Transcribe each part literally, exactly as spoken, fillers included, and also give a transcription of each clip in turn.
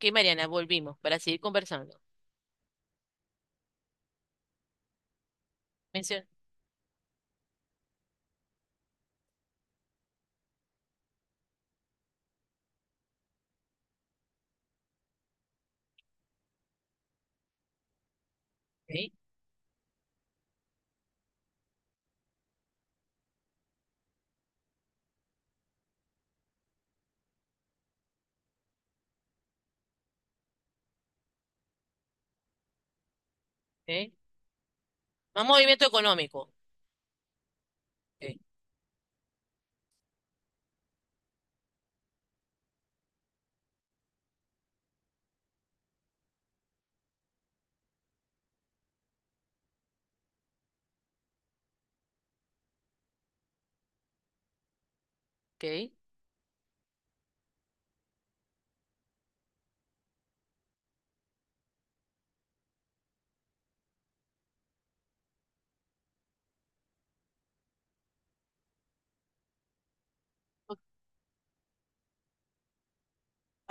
Que Mariana, volvimos para seguir conversando. Menciona. ¿Ok? ¿Ok? Más movimiento económico. ¿Ok? ¿Ok? O-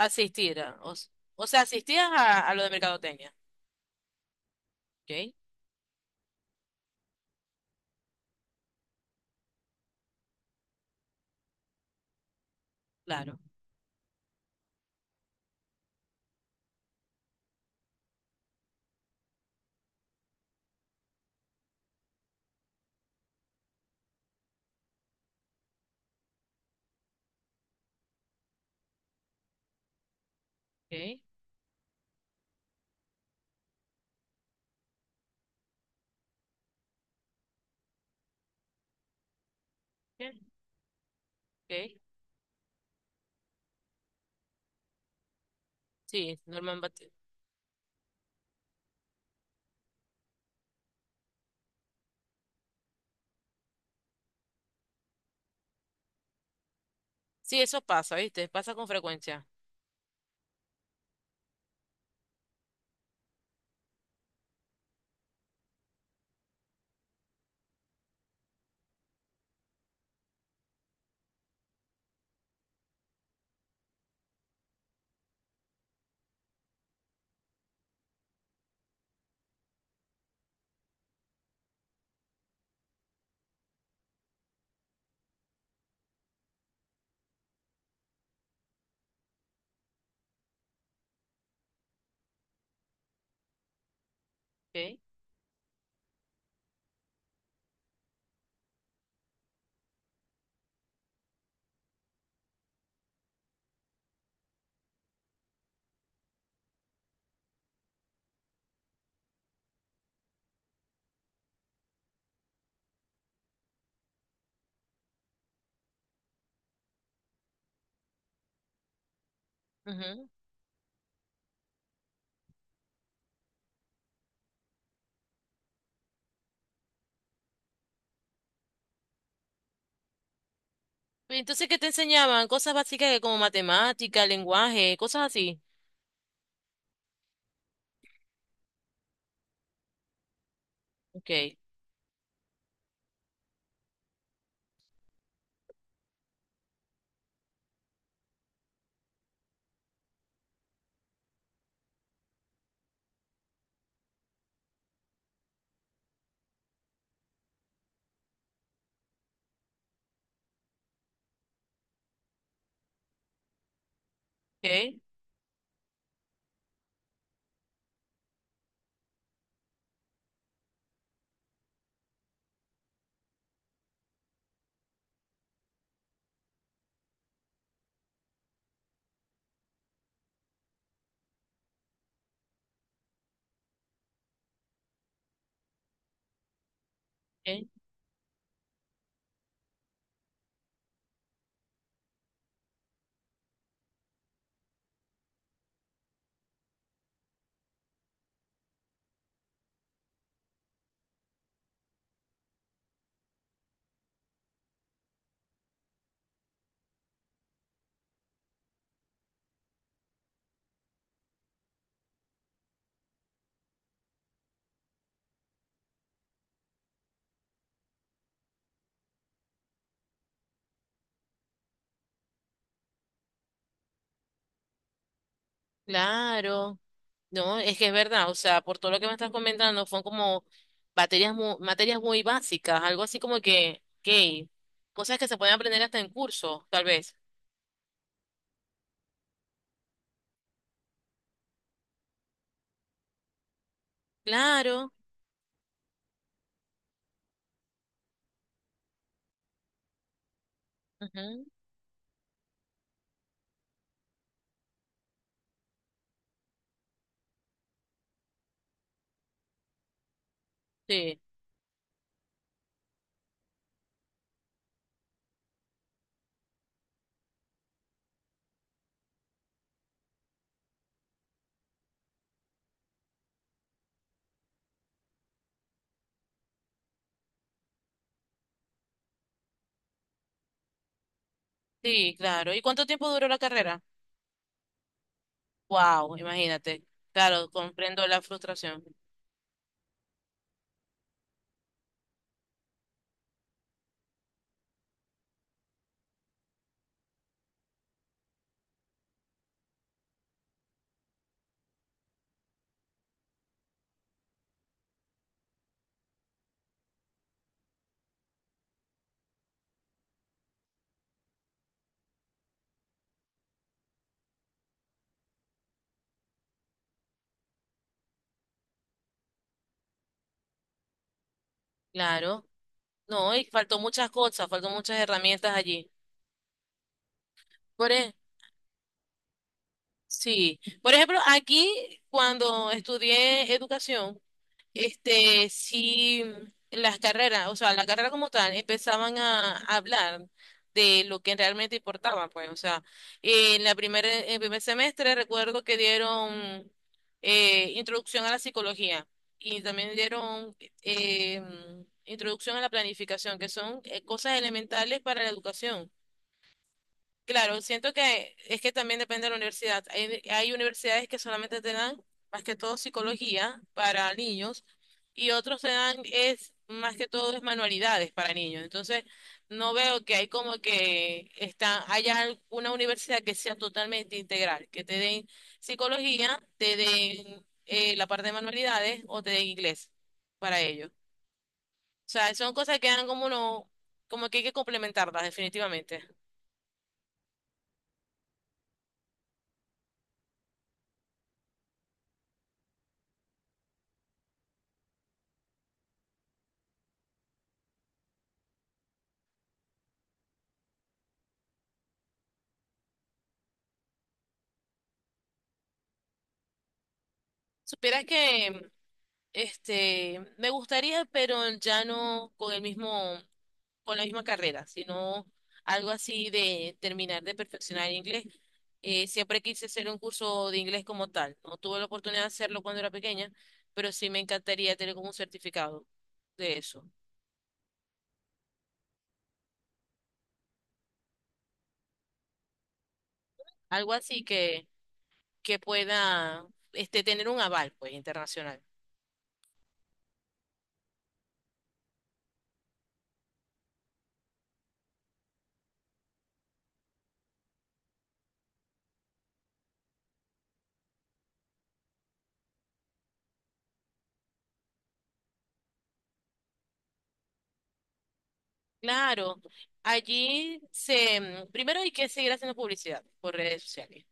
asistir a- o, s- o sea, asistías a, a lo de mercadotecnia. ¿Ok? Claro. ¿Ok? ¿Ok? ¿Ok? Sí, Norman Bat- sí, eso pasa, ¿viste? Pasa con frecuencia. ¿Ok? Ujú. Y entonces, ¿qué te enseñaban? Cosas básicas que como matemática, lenguaje, cosas así. Ok. ¿Ok? ¿Ok? Claro. No, es que es verdad, o sea, por todo lo que me estás comentando, son como materias muy, materias muy básicas, algo así como que, que cosas que se pueden aprender hasta en curso, tal vez. Claro, ujú, sí, sí, claro. ¿Y cuánto tiempo duró la carrera? Wow, imagínate. Claro, comprendo la frustración. Claro, no, y faltó muchas cosas, faltó muchas herramientas allí. Por, e- sí, por ejemplo, aquí cuando estudié educación, este, sí, las carreras, o sea, la carrera como tal, empezaban a, a hablar de lo que realmente importaba, pues, o sea, en la primera, en el primer semestre recuerdo que dieron eh, introducción a la psicología y también dieron eh, introducción a la planificación, que son eh, cosas elementales para la educación. Claro, siento que es que también depende de la universidad. Hay, hay universidades que solamente te dan más que todo psicología para niños y otros te dan es más que todo es manualidades para niños. Entonces, no veo que hay como que está, haya al- una universidad que sea totalmente integral, que te den psicología, te den eh, la parte de manualidades o te den inglés para ellos. O sea, son cosas que dan como uno, como que hay que complementarlas definitivamente. Supieras que este, me gustaría, pero ya no con el mismo, con la misma carrera, sino algo así de terminar de perfeccionar el inglés. Eh, siempre quise hacer un curso de inglés como tal. No tuve la oportunidad de hacerlo cuando era pequeña, pero sí me encantaría tener como un certificado de eso. Algo así que, que pueda, este, tener un aval, pues, internacional. Claro, allí se, primero hay que seguir haciendo publicidad por redes sociales.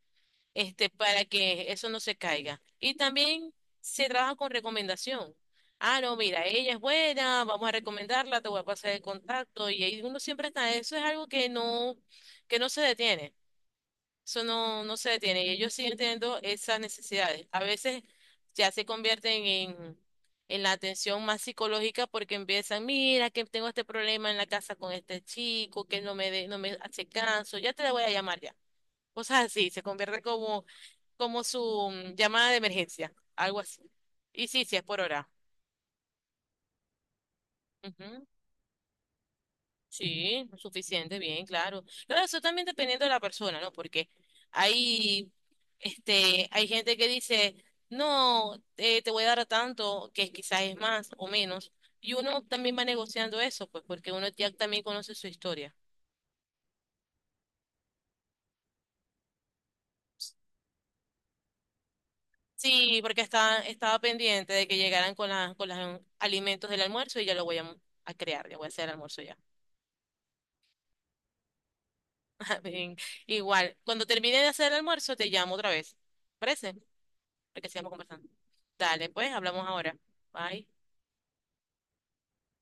Este, para que eso no se caiga. Y también se trabaja con recomendación. Ah, no, mira, ella es buena, vamos a recomendarla, te voy a pasar el contacto. Y ahí uno siempre está, eso es algo que no, que no se detiene. Eso no, no se detiene. Y ellos siguen teniendo esas necesidades. A veces ya se convierten en, en la atención más psicológica porque empiezan, mira, que tengo este problema en la casa con este chico, que no me, de- no me hace caso, ya te la voy a llamar ya cosas así, se convierte como, como su mm, llamada de emergencia, algo así. Y sí, sí, es por hora. Ujú, sí, lo suficiente, bien, claro. Claro, eso también dependiendo de la persona, ¿no? Porque hay, este, hay gente que dice, no, eh, te voy a dar tanto, que quizás es más o menos. Y uno también va negociando eso, pues porque uno ya también conoce su historia. Sí, porque estaba, estaba pendiente de que llegaran con, la, con los alimentos del almuerzo y ya lo voy a, mm, a crear, ya voy a hacer el almuerzo ya. Bien, igual, cuando termine de hacer el almuerzo te llamo otra vez. ¿Parece? Para que sigamos conversando. Dale, pues, hablamos ahora. Bye.